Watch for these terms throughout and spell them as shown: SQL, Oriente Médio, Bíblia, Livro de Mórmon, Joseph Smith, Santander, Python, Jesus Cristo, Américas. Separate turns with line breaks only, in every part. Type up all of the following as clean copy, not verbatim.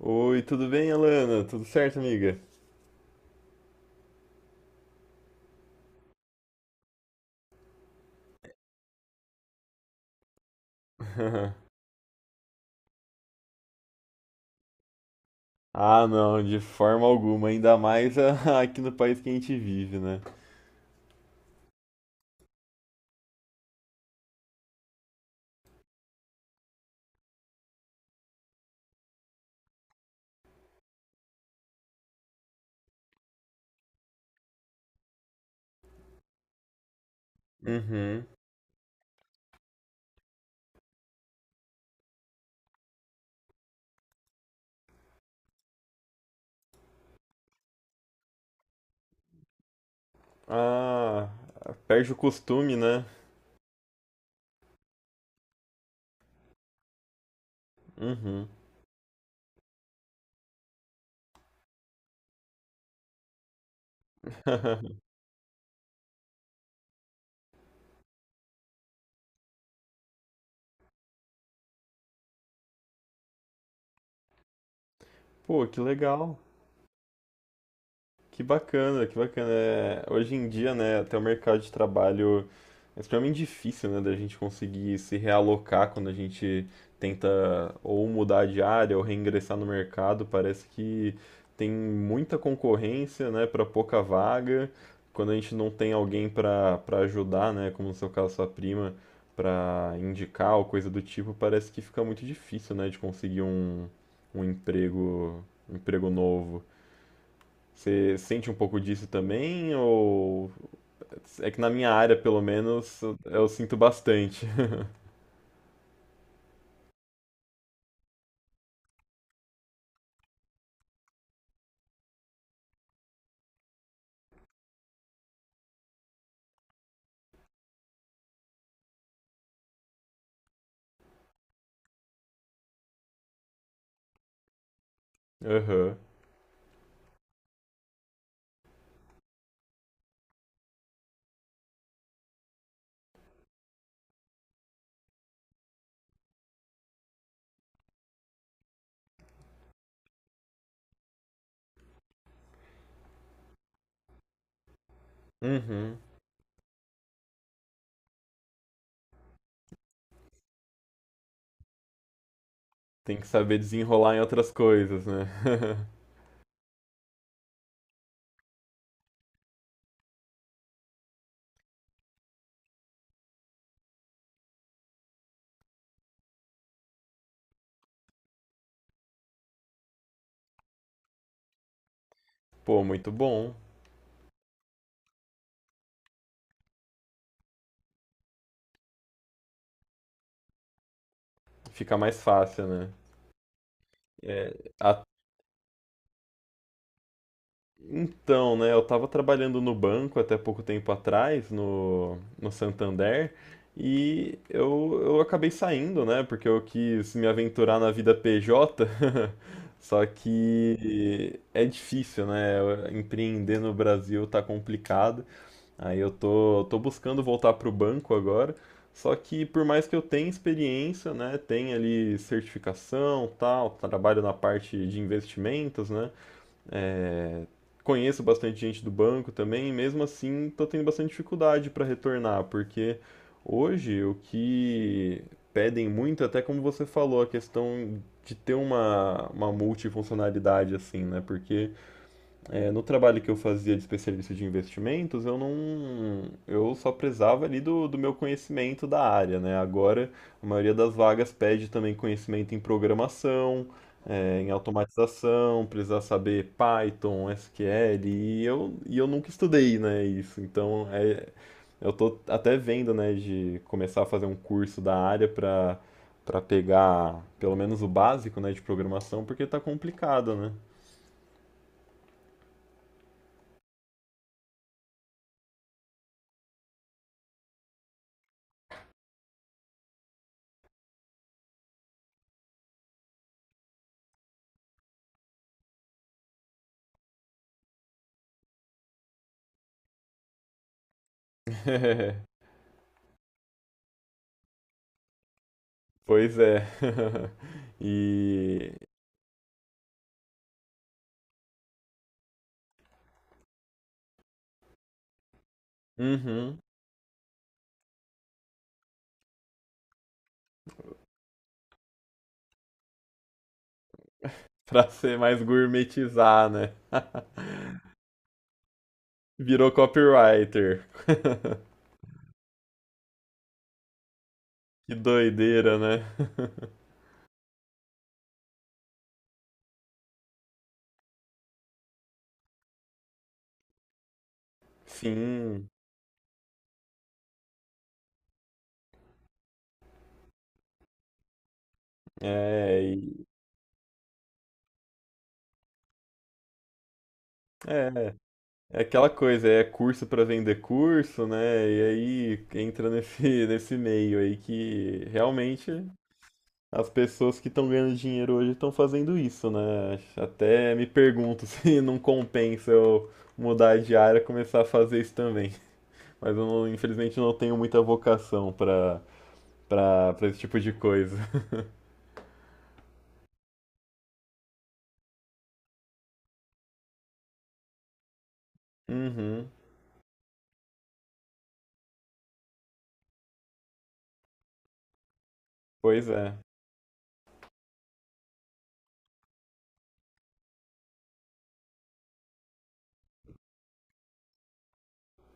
Oi, tudo bem, Alana? Tudo certo, amiga? Ah, não, de forma alguma, ainda mais aqui no país que a gente vive, né? Uhum. Ah, perde o costume, né? Uhum. Pô, que legal, que bacana, que bacana. É, hoje em dia, né, até o mercado de trabalho. É extremamente difícil, né, da gente conseguir se realocar quando a gente tenta ou mudar de área ou reingressar no mercado. Parece que tem muita concorrência, né, para pouca vaga. Quando a gente não tem alguém para ajudar, né, como no seu caso sua prima, para indicar ou coisa do tipo, parece que fica muito difícil, né, de conseguir um, um emprego, um emprego novo. Você sente um pouco disso também ou é que na minha área, pelo menos, sinto bastante. Aham. Uhum. Tem que saber desenrolar em outras coisas, né? Pô, muito bom. Fica mais fácil, né? É, a- então, né? Eu tava trabalhando no banco até pouco tempo atrás, no Santander, e eu acabei saindo, né? Porque eu quis me aventurar na vida PJ. Só que é difícil, né? Empreender no Brasil tá complicado. Aí eu tô, tô buscando voltar para o banco agora, só que por mais que eu tenha experiência, né, tenha ali certificação, tal, trabalho na parte de investimentos, né, conheço bastante gente do banco também, e mesmo assim tô tendo bastante dificuldade para retornar, porque hoje o que pedem muito, até como você falou, a questão de ter uma multifuncionalidade assim, né, porque é, no trabalho que eu fazia de especialista de investimentos, eu não, eu só prezava ali do, do meu conhecimento da área, né? Agora, a maioria das vagas pede também conhecimento em programação, é, em automatização, precisa saber Python, SQL, e eu nunca estudei, né, isso. Então, é, eu tô até vendo, né, de começar a fazer um curso da área para pegar pelo menos o básico, né, de programação, porque tá complicado, né? Pois é. E. Uhum. Pra ser mais gourmetizar, né? Virou copywriter. Que doideira, né? Sim, é, é, é aquela coisa, é curso pra vender curso, né? E aí entra nesse, nesse meio aí que realmente as pessoas que estão ganhando dinheiro hoje estão fazendo isso, né? Até me pergunto se não compensa eu mudar de área e começar a fazer isso também. Mas eu não- infelizmente eu não tenho muita vocação para esse tipo de coisa. Uhum. Pois é.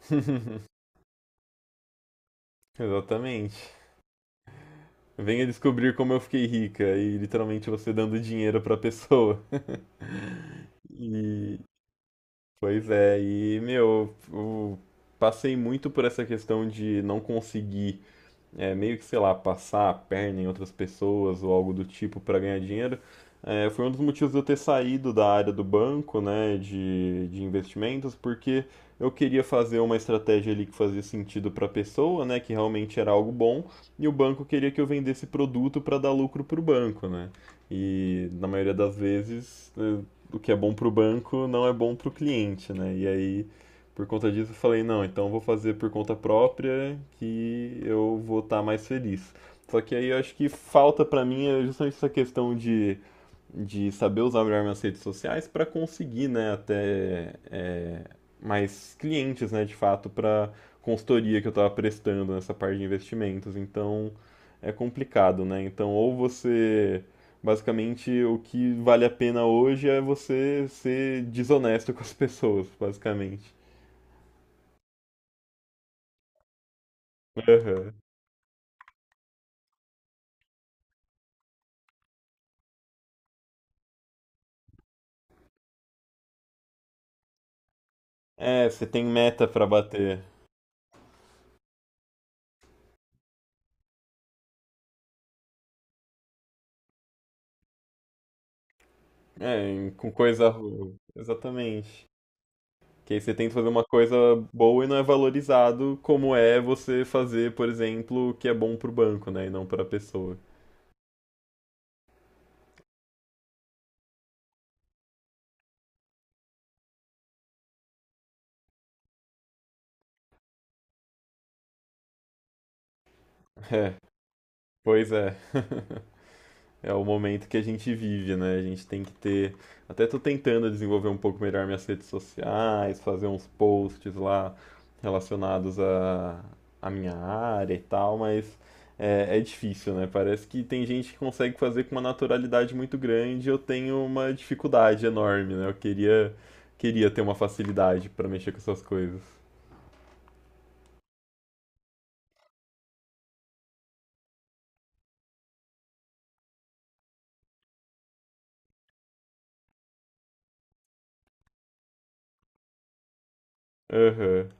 Exatamente. Venha descobrir como eu fiquei rica e literalmente você dando dinheiro pra pessoa. E pois é, eu passei muito por essa questão de não conseguir é, meio que, sei lá, passar a perna em outras pessoas ou algo do tipo para ganhar dinheiro, é, foi um dos motivos de eu ter saído da área do banco, né, de investimentos, porque eu queria fazer uma estratégia ali que fazia sentido para a pessoa, né, que realmente era algo bom, e o banco queria que eu vendesse produto para dar lucro para o banco, né? E na maioria das vezes, o que é bom para o banco não é bom para o cliente, né? E aí por conta disso, eu falei, não, então eu vou fazer por conta própria que eu vou estar mais feliz. Só que aí eu acho que falta pra mim é justamente essa questão de saber usar melhor minhas redes sociais pra conseguir, né, até é, mais clientes, né, de fato, pra consultoria que eu tava prestando nessa parte de investimentos. Então é complicado, né? Então ou você basicamente o que vale a pena hoje é você ser desonesto com as pessoas, basicamente. Aham. É, você tem meta pra bater. É, com coisa ruim. Exatamente. Que aí você tenta fazer uma coisa boa e não é valorizado como é você fazer, por exemplo, o que é bom pro banco, né? E não pra pessoa. É, pois é. É o momento que a gente vive, né? A gente tem que ter. Até tô tentando desenvolver um pouco melhor minhas redes sociais, fazer uns posts lá relacionados à à minha área e tal, mas. É, é difícil, né? Parece que tem gente que consegue fazer com uma naturalidade muito grande, eu tenho uma dificuldade enorme, né? Eu queria, queria ter uma facilidade pra mexer com essas coisas. Aham.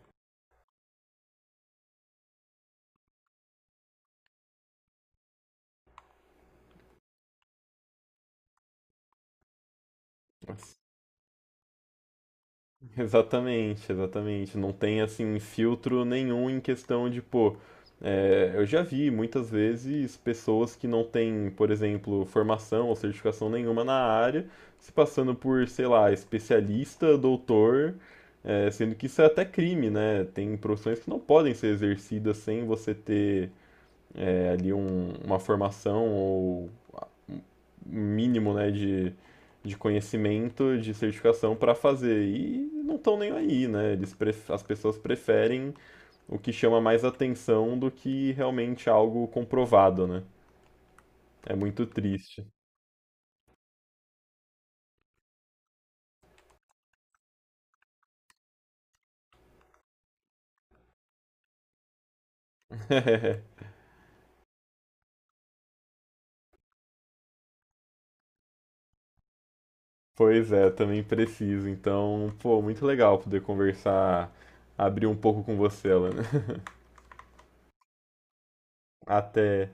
Exatamente, exatamente. Não tem assim filtro nenhum em questão de, pô, é, eu já vi muitas vezes pessoas que não têm, por exemplo, formação ou certificação nenhuma na área, se passando por, sei lá, especialista, doutor, é, sendo que isso é até crime, né? Tem profissões que não podem ser exercidas sem você ter é, ali uma formação ou mínimo, né, de conhecimento, de certificação para fazer. E não estão nem aí, né? As pessoas preferem o que chama mais atenção do que realmente algo comprovado, né? É muito triste. Pois é, também preciso. Então, pô, muito legal poder conversar, abrir um pouco com você, Alan. Até.